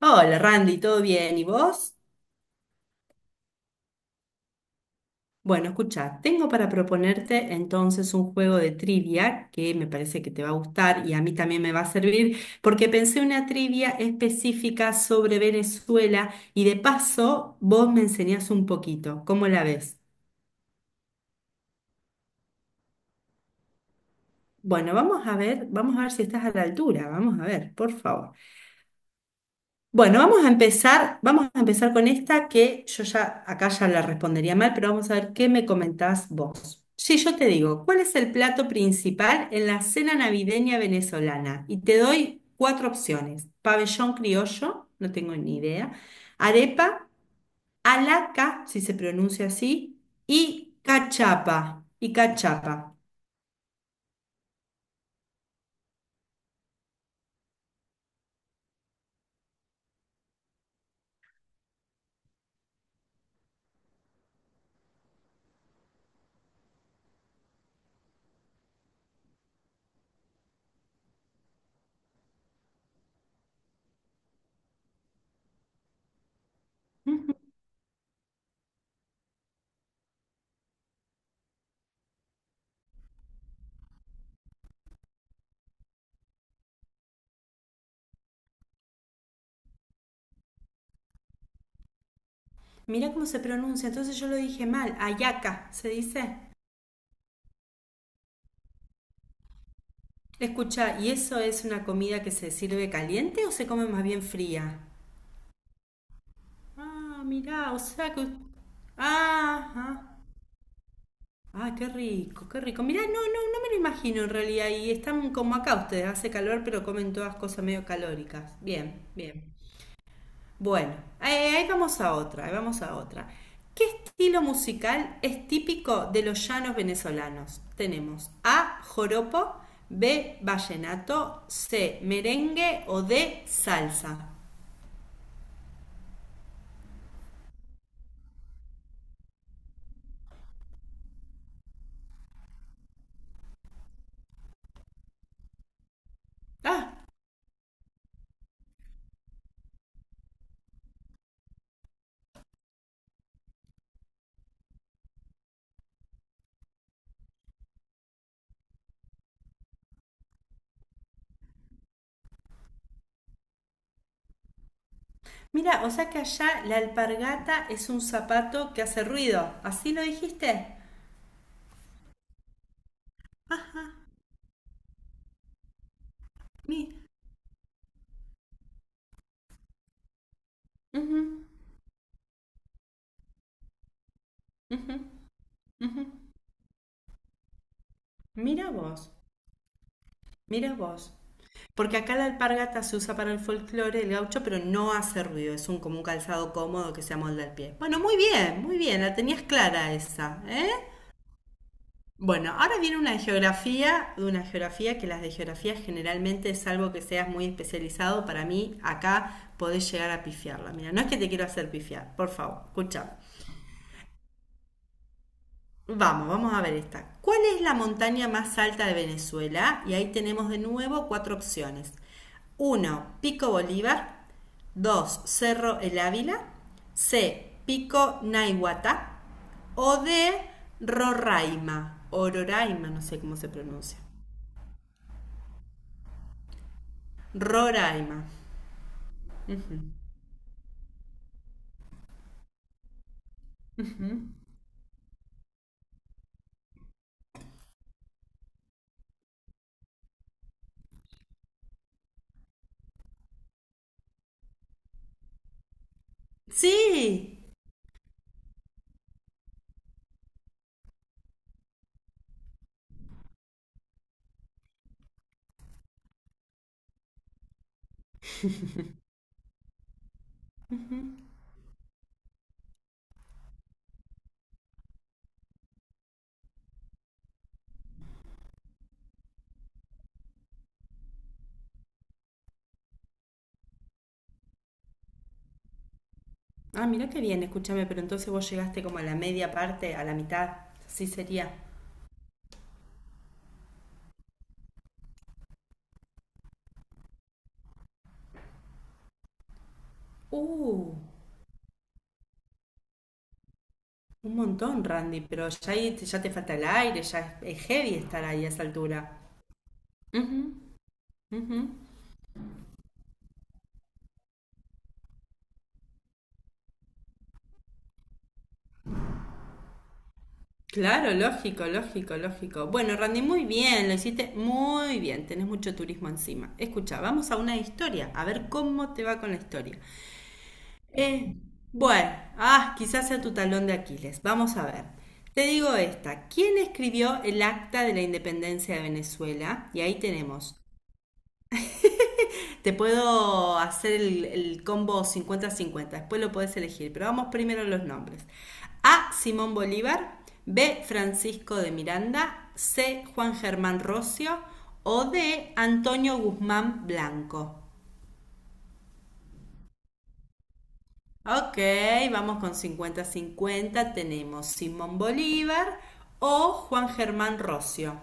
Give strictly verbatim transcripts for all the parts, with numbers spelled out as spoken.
Hola Randy, ¿todo bien? ¿Y vos? Bueno, escucha, tengo para proponerte entonces un juego de trivia que me parece que te va a gustar y a mí también me va a servir porque pensé una trivia específica sobre Venezuela y de paso vos me enseñás un poquito. ¿Cómo la ves? Bueno, vamos a ver, vamos a ver si estás a la altura, vamos a ver, por favor. Bueno, vamos a empezar, vamos a empezar con esta que yo ya acá ya la respondería mal, pero vamos a ver qué me comentás vos. Sí, yo te digo, ¿cuál es el plato principal en la cena navideña venezolana? Y te doy cuatro opciones: pabellón criollo, no tengo ni idea, arepa, alaca, si se pronuncia así, y cachapa, y cachapa. Mirá cómo se pronuncia, entonces yo lo dije mal, ayaca, ¿se dice? Escucha, ¿y eso es una comida que se sirve caliente o se come más bien fría? Ah, mirá, o sea que... Ah, ah, ah, qué rico, qué rico. Mirá, no, no, no me lo imagino en realidad. Y están como acá ustedes, hace calor, pero comen todas cosas medio calóricas. Bien, bien. Bueno, ahí ahí vamos a otra, ahí vamos a otra. ¿Qué estilo musical es típico de los llanos venezolanos? Tenemos A, joropo, B, vallenato, C, merengue o D, salsa. Ah, mira, o sea que allá la alpargata es un zapato que hace ruido. ¿Así lo dijiste? Mi- ujú. Mira vos. Mira vos. Porque acá la alpargata se usa para el folclore del gaucho, pero no hace ruido. Es un, como un calzado cómodo que se amolda al pie. Bueno, muy bien, muy bien. La tenías clara esa, ¿eh? Bueno, ahora viene una de geografía, de una geografía que las de geografía generalmente, salvo que seas muy especializado, para mí acá podés llegar a pifiarla. Mira, no es que te quiero hacer pifiar, por favor, escucha. Vamos, vamos a ver esta. ¿Cuál es la montaña más alta de Venezuela? Y ahí tenemos de nuevo cuatro opciones. Uno, Pico Bolívar. Dos, Cerro El Ávila. C. Pico Naiguatá. O D. Roraima. O Roraima, no sé cómo se pronuncia. Roraima. Sí. Ah, mira qué bien, escúchame, pero entonces vos llegaste como a la media parte, a la mitad. Sí sería. Uh. Un montón, Randy, pero ya, ahí te- ya te falta el aire, ya es, es heavy estar ahí a esa altura. Ujú, ujú. Claro, lógico, lógico, lógico. Bueno, Randy, muy bien, lo hiciste muy bien, tenés mucho turismo encima. Escucha, vamos a una historia, a ver cómo te va con la historia. Eh, bueno, ah, quizás sea tu talón de Aquiles, vamos a ver. Te digo esta, ¿quién escribió el Acta de la Independencia de Venezuela? Y ahí tenemos. Te puedo hacer el, el combo cincuenta-cincuenta. Después lo podés elegir, pero vamos primero a los nombres. A. Simón Bolívar, B. Francisco de Miranda, C. Juan Germán Rocio o D. Antonio Guzmán Blanco. Ok, vamos con cincuenta-cincuenta. Tenemos Simón Bolívar o Juan Germán Rocio.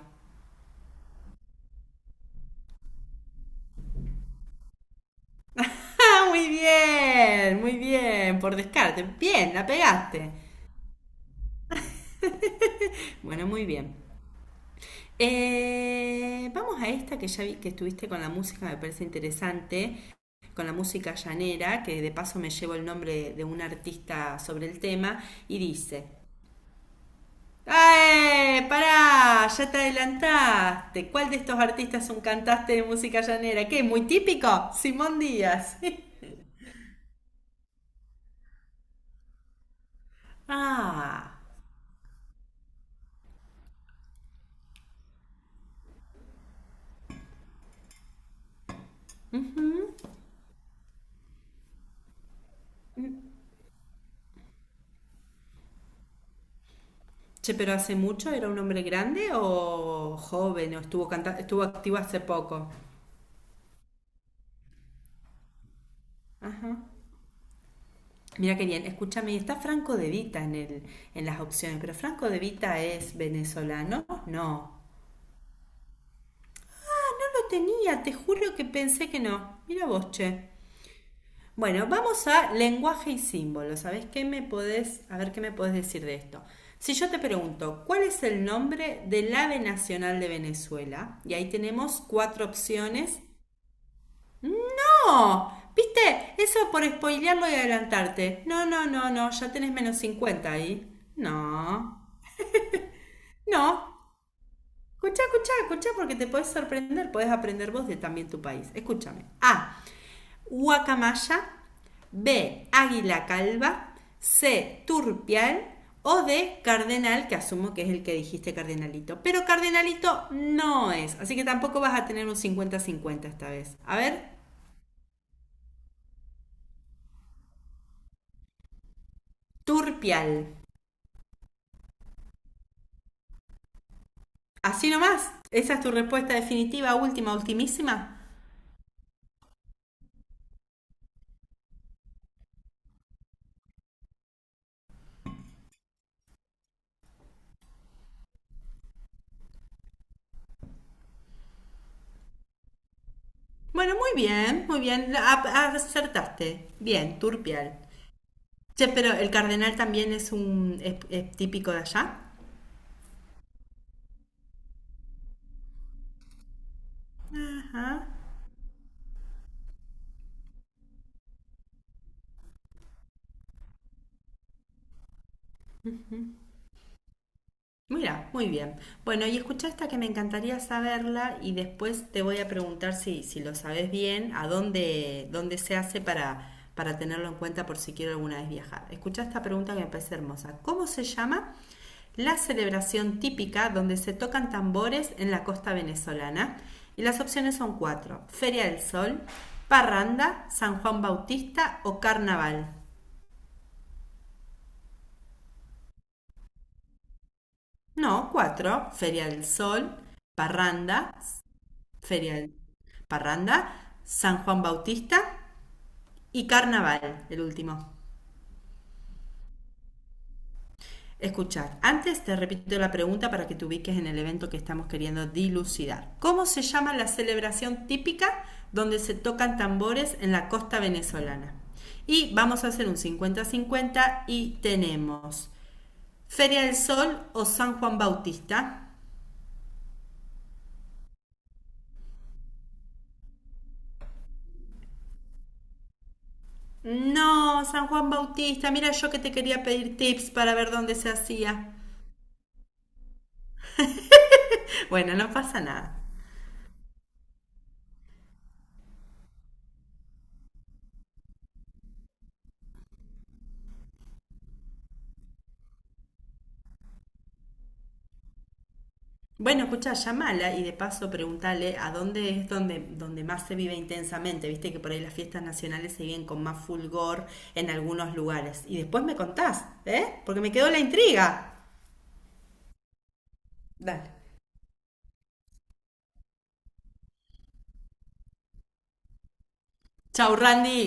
¡Ah, muy bien! Muy bien, por descarte. Bien, la pegaste. Bueno, muy bien. Eh, vamos a esta que ya vi que estuviste con la música, me parece interesante, con la música llanera, que de paso me llevo el nombre de un artista sobre el tema, y dice, ¡ay, ¡Pará! Ya te adelantaste. ¿Cuál de estos artistas es un cantante de música llanera? ¿Qué? ¿Muy típico? Simón Díaz. Ah. Che, pero hace mucho, ¿era un hombre grande o joven o estuvo canta- estuvo activo hace poco? Mira qué bien, escúchame, está Franco De Vita en el, en las opciones, pero Franco De Vita es venezolano, no. No lo tenía, te juro que pensé que no. Mira vos, che. Bueno, vamos a lenguaje y símbolos. ¿Sabés qué me podés, a ver qué me podés decir de esto? Si yo te pregunto, ¿cuál es el nombre del ave nacional de Venezuela? Y ahí tenemos cuatro opciones. ¡No! ¿Viste? Eso por spoilearlo y adelantarte. No, no, no, no, ya tenés menos cincuenta ahí. No. No, escucha, escucha, escucha, porque te puedes sorprender, puedes aprender vos de también tu país. Escúchame. A. Guacamaya. B. Águila calva. C. Turpial. O D. Cardenal, que asumo que es el que dijiste, Cardenalito. Pero Cardenalito no es. Así que tampoco vas a tener un cincuenta-cincuenta esta vez. A ver. Turpial. Así nomás. ¿Esa es tu respuesta definitiva, última, ultimísima? Bueno, muy bien, muy bien. a- Acertaste. Bien, Turpial. Che, pero el cardenal también es un es, es típico de allá. Ajá. Mira, muy bien. Bueno, y escucha esta que me encantaría saberla y después te voy a preguntar si, si lo sabes bien, a dónde, dónde se hace para, para tenerlo en cuenta por si quiero alguna vez viajar. Escucha esta pregunta que me parece hermosa. ¿Cómo se llama la celebración típica donde se tocan tambores en la costa venezolana? Y las opciones son cuatro. Feria del Sol, Parranda, San Juan Bautista o Carnaval. No, cuatro. Feria del Sol, Parranda, Feria del- Parranda, San Juan Bautista y Carnaval, el último. Escuchar. Antes te repito la pregunta para que te ubiques en el evento que estamos queriendo dilucidar. ¿Cómo se llama la celebración típica donde se tocan tambores en la costa venezolana? Y vamos a hacer un cincuenta-cincuenta y tenemos Feria del Sol o San Juan Bautista. No, San Juan Bautista, mira yo que te quería pedir tips para ver dónde se hacía. Bueno, no pasa nada. Bueno, escucha, llamala y de paso preguntale a dónde es donde, donde más se vive intensamente. Viste que por ahí las fiestas nacionales se viven con más fulgor en algunos lugares. Y después me contás, ¿eh? Porque me quedó la intriga. Dale. Chau, Randy.